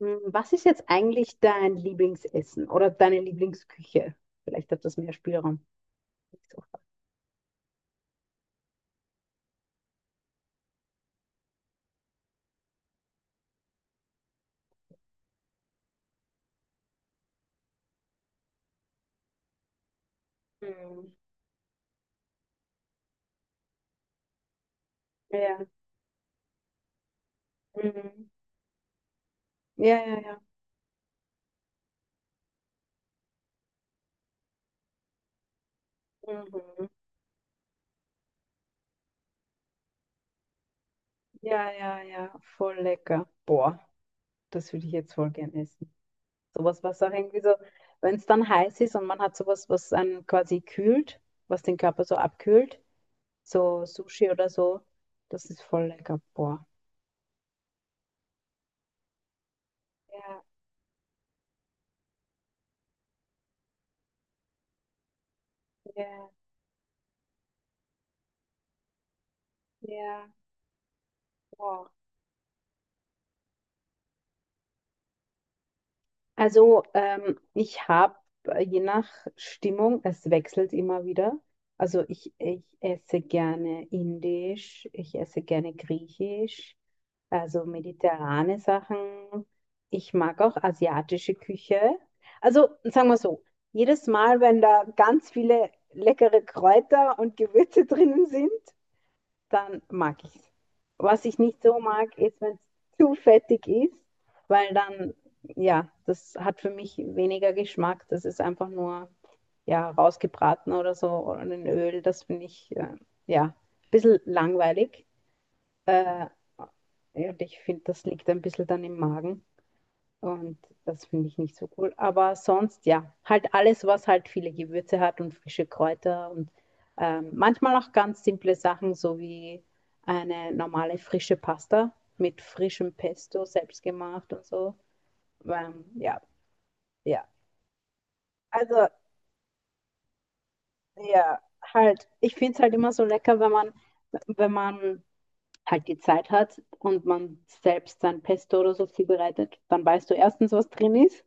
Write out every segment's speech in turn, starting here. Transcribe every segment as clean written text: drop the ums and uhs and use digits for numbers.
Hm, was ist jetzt eigentlich dein Lieblingsessen oder deine Lieblingsküche? Vielleicht hat das mehr Spielraum. Mhm. Ja. Mhm. Ja, ja, ja. Mhm. Ja, ja, ja. Voll lecker. Boah, das würde ich jetzt voll gern essen. Sowas, was auch irgendwie so, wenn es dann heiß ist und man hat sowas, was einen quasi kühlt, was den Körper so abkühlt, so Sushi oder so, das ist voll lecker. Boah. Ja, ja, ja. Boah. Also ich habe je nach Stimmung, es wechselt immer wieder. Also ich esse gerne Indisch, ich esse gerne Griechisch, also mediterrane Sachen. Ich mag auch asiatische Küche. Also sagen wir so, jedes Mal, wenn da ganz viele leckere Kräuter und Gewürze drinnen sind, dann mag ich es. Was ich nicht so mag, ist, wenn es zu fettig ist, weil dann, ja, das hat für mich weniger Geschmack. Das ist einfach nur, ja, rausgebraten oder so oder in Öl. Das finde ich, ja, ein bisschen langweilig. Äh, und ich finde, das liegt ein bisschen dann im Magen. Und das finde ich nicht so cool. Aber sonst, ja, halt alles, was halt viele Gewürze hat und frische Kräuter und manchmal auch ganz simple Sachen, so wie eine normale frische Pasta mit frischem Pesto selbst gemacht und so. Ja, ja. Also, ja, halt, ich finde es halt immer so lecker, wenn man, wenn man halt die Zeit hat und man selbst sein Pesto oder so zubereitet, dann weißt du erstens, was drin ist.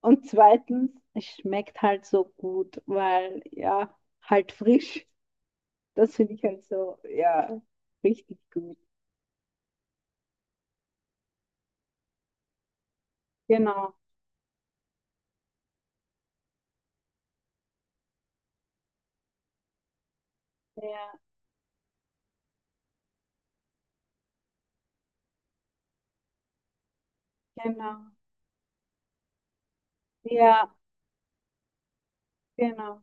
Und zweitens, es schmeckt halt so gut, weil ja, halt frisch. Das finde ich halt so, ja, richtig gut. Genau. Ja, genau. Ja, genau.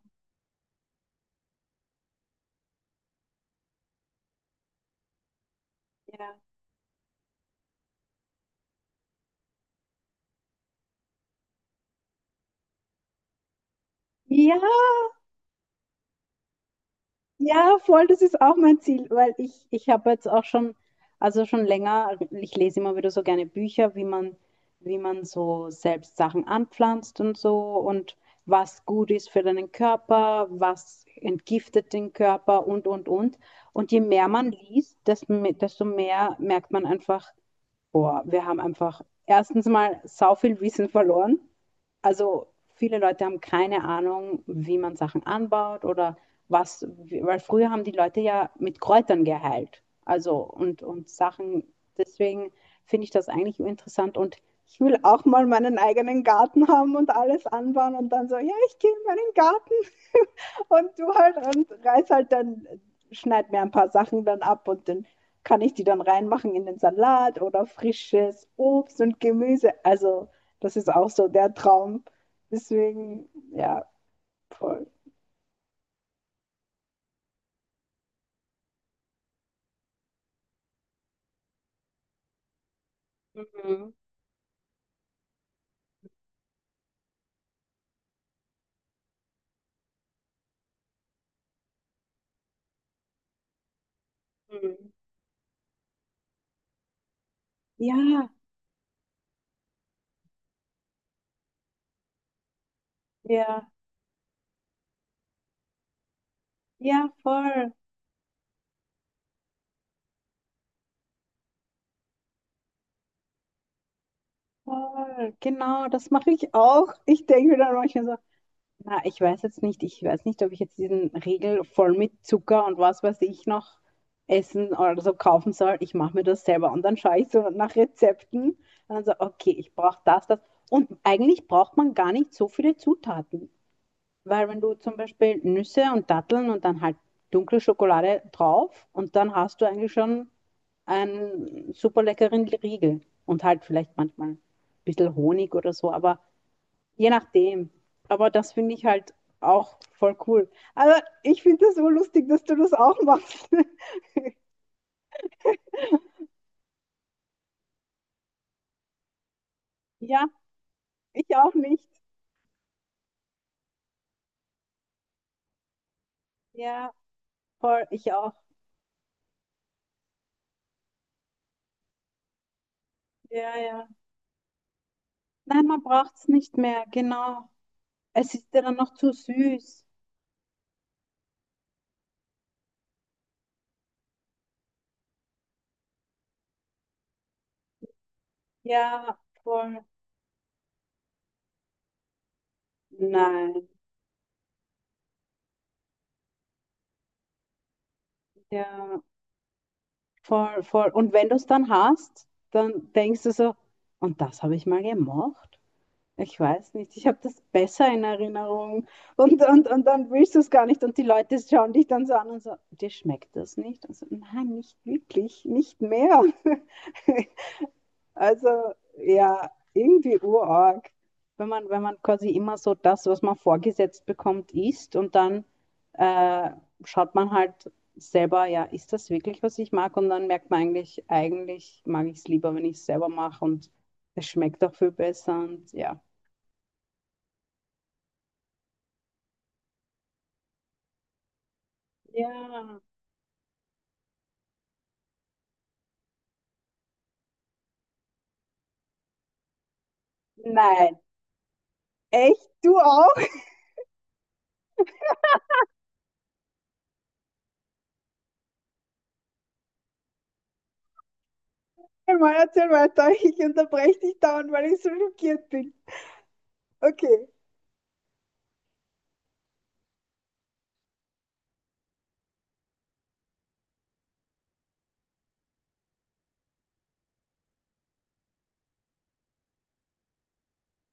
Ja. Ja. Ja, voll, das ist auch mein Ziel, weil ich habe jetzt auch schon, also schon länger, ich lese immer wieder so gerne Bücher, wie man so selbst Sachen anpflanzt und so und was gut ist für deinen Körper, was entgiftet den Körper und, und. Und je mehr man liest, desto, desto mehr merkt man einfach, boah, wir haben einfach erstens mal sau viel Wissen verloren. Also viele Leute haben keine Ahnung, wie man Sachen anbaut oder was, weil früher haben die Leute ja mit Kräutern geheilt. Also und Sachen, deswegen finde ich das eigentlich interessant und ich will auch mal meinen eigenen Garten haben und alles anbauen und dann so, ja, ich gehe in meinen Garten und du halt und reiß halt dann, schneid mir ein paar Sachen dann ab und den kann ich die dann reinmachen in den Salat oder frisches Obst und Gemüse. Also, das ist auch so der Traum. Deswegen, ja, voll. Mhm. Mhm. Ja, ja, ja, voll, voll. Genau, das mache ich auch. Ich denke mir dann manchmal so, na, ich weiß jetzt nicht, ich weiß nicht, ob ich jetzt diesen Riegel voll mit Zucker und was weiß ich noch essen oder so kaufen soll. Ich mache mir das selber und dann schaue ich so nach Rezepten und dann so, okay, ich brauche das, das. Und eigentlich braucht man gar nicht so viele Zutaten, weil wenn du zum Beispiel Nüsse und Datteln und dann halt dunkle Schokolade drauf und dann hast du eigentlich schon einen super leckeren Riegel und halt vielleicht manchmal ein bisschen Honig oder so, aber je nachdem. Aber das finde ich halt auch voll cool. Aber ich finde das so lustig, dass du das auch machst. Ja, ich auch nicht. Ja, voll, ich auch. Ja, ja. Nein, man braucht es nicht mehr, genau. Es ist ja dann noch zu süß. Ja, voll. Nein, ja, voll, voll. Und wenn du es dann hast, dann denkst du so, und das habe ich mal gemacht. Ich weiß nicht, ich habe das besser in Erinnerung. Und dann willst du es gar nicht. Und die Leute schauen dich dann so an und so, dir schmeckt das nicht? Und so, nein, nicht wirklich, nicht mehr. Also ja, irgendwie urarg. Wenn man, wenn man quasi immer so das, was man vorgesetzt bekommt, isst und dann äh, schaut man halt selber, ja, ist das wirklich, was ich mag? Und dann merkt man eigentlich, eigentlich mag ich es lieber, wenn ich es selber mache und es schmeckt auch viel besser und ja. Ja. Nein. Echt? Du auch? Mal erzähl weiter. Ich unterbreche dich dauernd, weil ich so schockiert bin. Okay.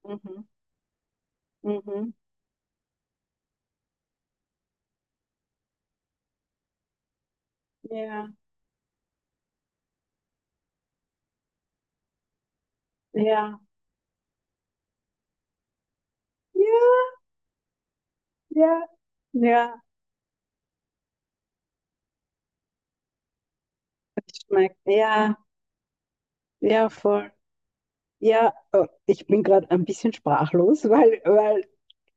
Mhm. Mhm. Ja. Ja. Ja, ja, ja. Es schmeckt. Ja. Ja, voll. Ja. Oh, ich bin gerade ein bisschen sprachlos, weil, weil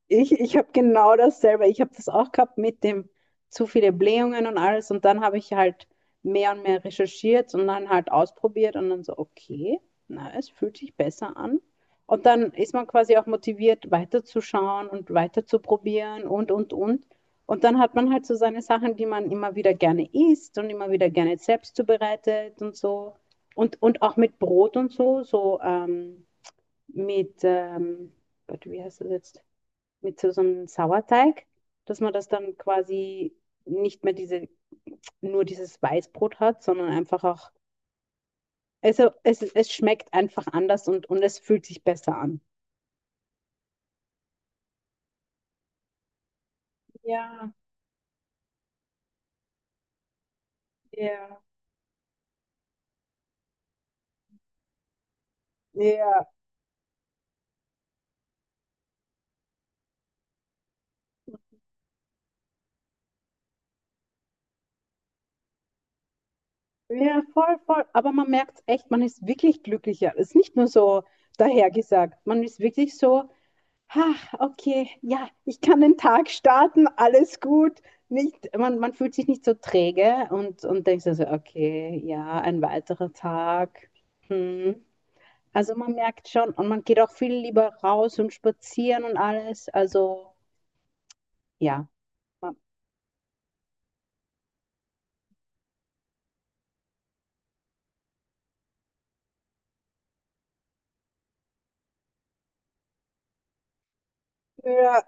ich habe genau dasselbe. Ich habe das auch gehabt mit dem zu viele Blähungen und alles. Und dann habe ich halt mehr und mehr recherchiert und dann halt ausprobiert und dann so, okay, na, es fühlt sich besser an. Und dann ist man quasi auch motiviert, weiterzuschauen und weiterzuprobieren und, und. Und dann hat man halt so seine Sachen, die man immer wieder gerne isst und immer wieder gerne selbst zubereitet und so. Und auch mit Brot und so, so mit, Gott, wie heißt das jetzt? Mit so, so einem Sauerteig, dass man das dann quasi nicht mehr diese, nur dieses Weißbrot hat, sondern einfach auch, also es schmeckt einfach anders und es fühlt sich besser an. Ja, ja, ja, ja, voll, voll. Aber man merkt echt, man ist wirklich glücklicher. Es ist nicht nur so dahergesagt. Man ist wirklich so. Ha, okay, ja, ich kann den Tag starten, alles gut. Nicht, man fühlt sich nicht so träge und denkt so, so, okay, ja, ein weiterer Tag. Hm. Also man merkt schon und man geht auch viel lieber raus und spazieren und alles. Also ja, man, ja,